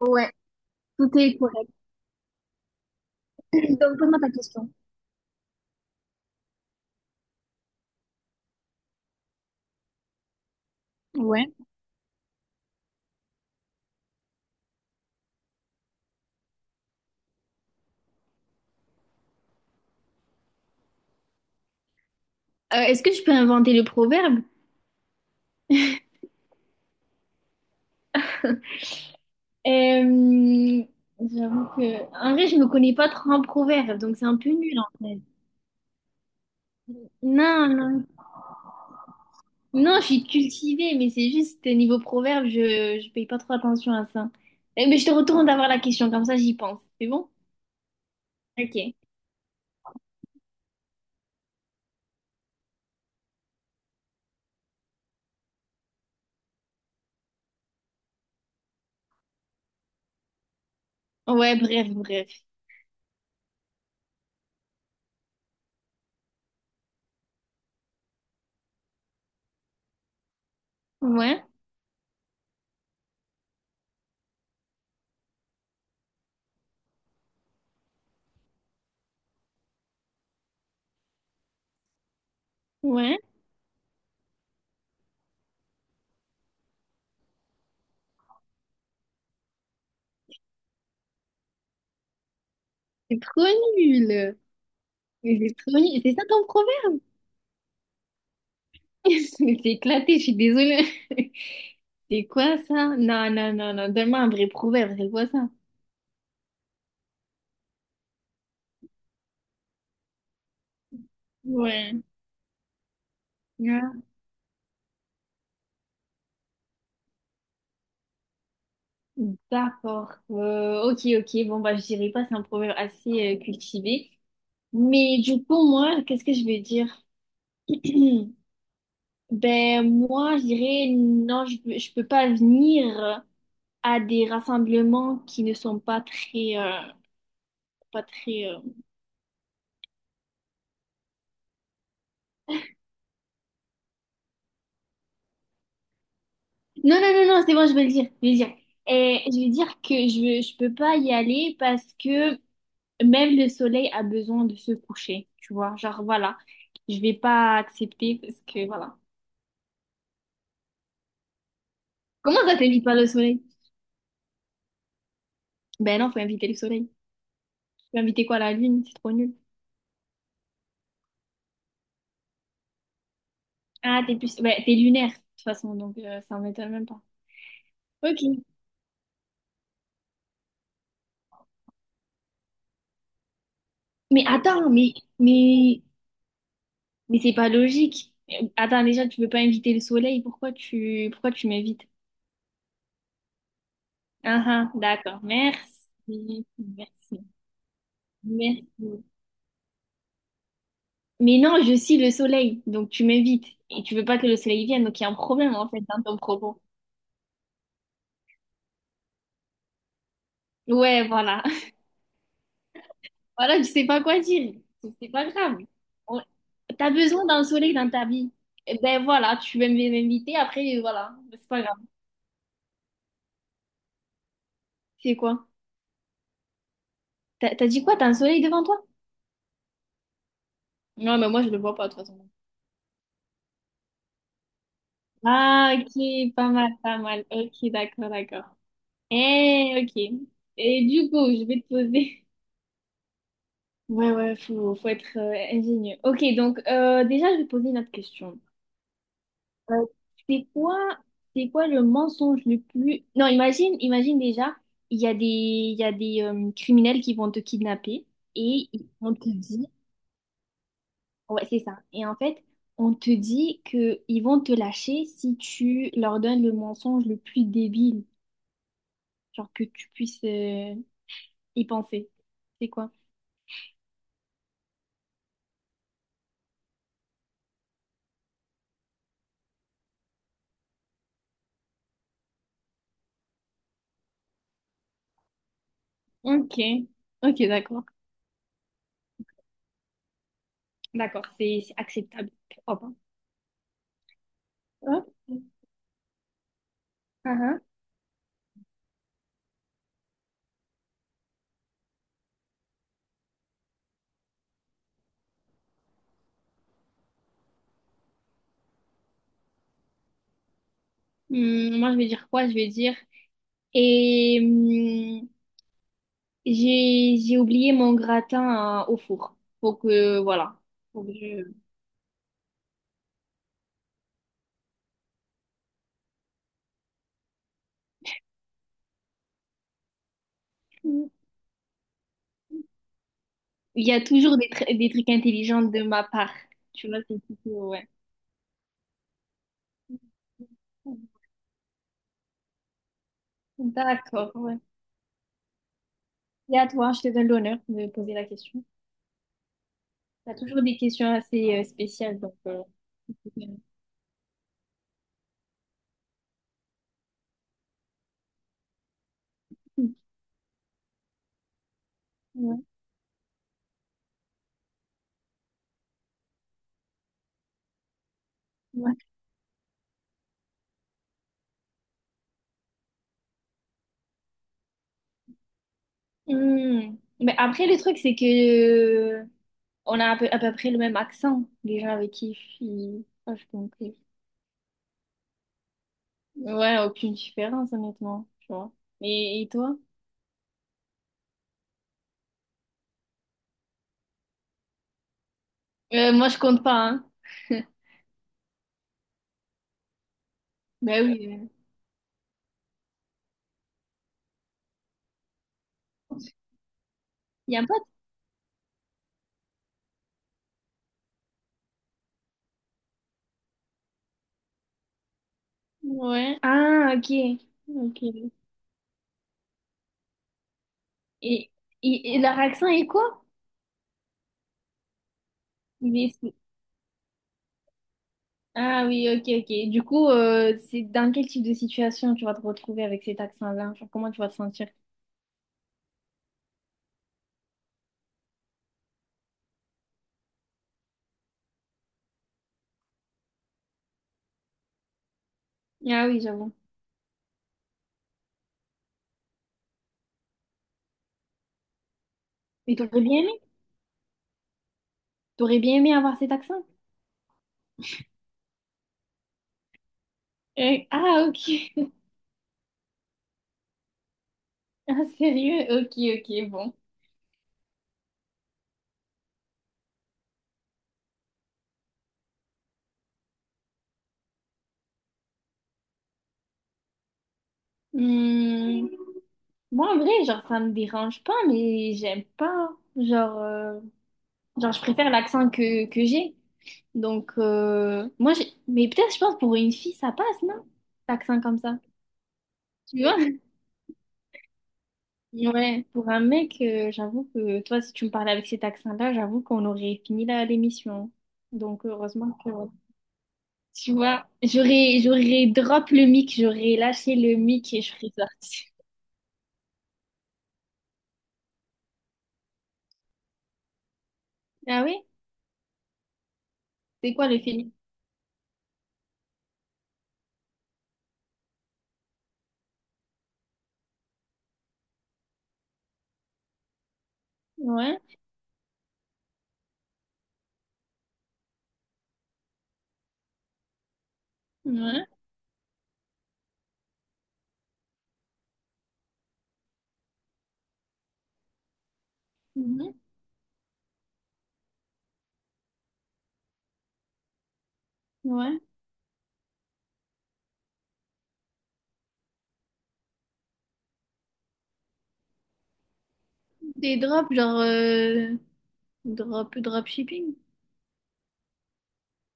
Ouais, tout est correct. Donc, pose-moi ta question. Ouais. Est-ce que je peux inventer le proverbe? Euh, J'avoue que... En vrai, je me connais pas trop en proverbe, donc c'est un peu nul en fait. Non, non. Non, je suis cultivée, mais c'est juste niveau proverbe, je paye pas trop attention à ça. Eh, mais je te retourne d'avoir la question, comme ça j'y pense. C'est bon? Ok. Ouais, bref, bref. Ouais, ouais. C'est trop nul. Mais c'est trop nul. C'est ça ton proverbe? C'est éclaté, je suis désolée. C'est quoi ça? Non, non, non, non. Donne-moi un vrai proverbe, c'est quoi ça? Ouais. Ouais. D'accord. Ok, ok. Bon, bah, je dirais pas, c'est un proverbe assez cultivé. Mais du coup, moi, qu'est-ce que je vais dire? Ben, moi, je dirais, non, je peux pas venir à des rassemblements qui ne sont pas très, Non, non, non, non, c'est bon, je vais le dire. Je vais le dire. Et je vais dire que je peux pas y aller parce que même le soleil a besoin de se coucher, tu vois. Genre, voilà, je vais pas accepter parce que, voilà. Comment ça t'évite pas le soleil? Ben non, faut inviter le soleil. Tu veux inviter quoi, la lune? C'est trop nul. Ah, t'es plus... ben, t'es lunaire, de toute façon, donc ça m'étonne même pas. Ok. Mais attends, mais, c'est pas logique. Attends, déjà, tu veux pas inviter le soleil, pourquoi tu m'invites? Ah ah, d'accord, merci, merci, merci. Mais non, je suis le soleil, donc tu m'évites. Et tu veux pas que le soleil vienne, donc il y a un problème en fait dans ton propos. Ouais, voilà. Voilà, tu sais pas quoi dire. C'est pas grave. On- T'as besoin d'un soleil dans ta vie. Eh ben voilà, tu veux m'inviter, après, voilà. C'est pas grave. C'est quoi? T'as dit quoi? T'as un soleil devant toi? Non, mais moi, je le vois pas, de toute façon. Ah, ok, pas mal, pas mal. Ok, d'accord, d'accord. Eh, ok. Et du coup, je vais te poser. Ouais, ouais, faut être ingénieux. Ok, donc déjà, je vais poser une autre question. Euh, c'est quoi, c'est quoi le mensonge le plus... Non, imagine déjà, il y a des criminels qui vont te kidnapper et on te dit... Ouais, c'est ça. Et en fait, on te dit que ils vont te lâcher si tu leur donnes le mensonge le plus débile, genre que tu puisses y penser. C'est quoi? Ok, ok, d'accord. D'accord, c'est acceptable. Hop. Ah, ah. Moi, je vais dire quoi? Je vais dire. Et j'ai oublié mon gratin au four. Faut que voilà. Faut que je- Il y a toujours des trucs intelligents de ma part. Tu vois, c'est plutôt ouais. D'accord, ouais. Et à toi, je te donne l'honneur de poser la question. Tu as toujours des questions assez spéciales, donc. Ouais. Hmm. Mais après, le truc, c'est que euh, on a à peu près le même accent, les gens avec qui ils- Ah, je compris. Ouais, aucune différence, honnêtement, tu vois. Et toi? Moi, je compte pas, hein. Ben oui. Il y a pas de... Ouais. Ah, ok. Ok. Et, et leur accent est quoi? Il est- Ah oui, ok, ok. Du coup, c'est dans quel type de situation tu vas te retrouver avec cet accent-là? Genre, comment tu vas te sentir? Ah oui, j'avoue. Et t'aurais bien aimé t'aurais bien aimé avoir cet accent? Ah, ok. Ah, sérieux? Ok, ok, bon. Hmm, moi, en vrai, genre, ça me dérange pas, mais j'aime pas. Genre, euh, genre, je préfère l'accent que j'ai. Donc, moi, j'ai... Mais peut-être, je pense, pour une fille, ça passe, non? L'accent comme ça. Tu vois? Ouais, pour un mec, j'avoue que toi, si tu me parlais avec cet accent-là, j'avoue qu'on aurait fini la l'émission. Donc, heureusement que... Tu vois, j'aurais drop le mic, j'aurais lâché le mic et je serais sortie. Ah oui? C'est quoi le film? Ouais, ouais, mhm, ouais. Des drops, genre, drop shipping?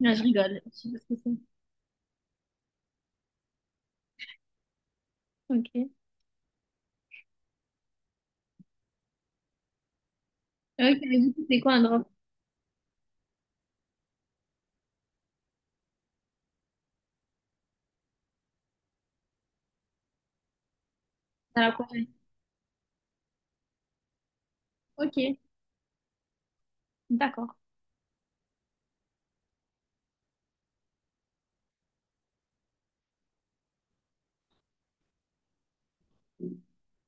Non, je rigole, je sais pas ce que c'est. Ok. Ok, mais du coup, c'est quoi un drop? À la prochaine. Ok, d'accord.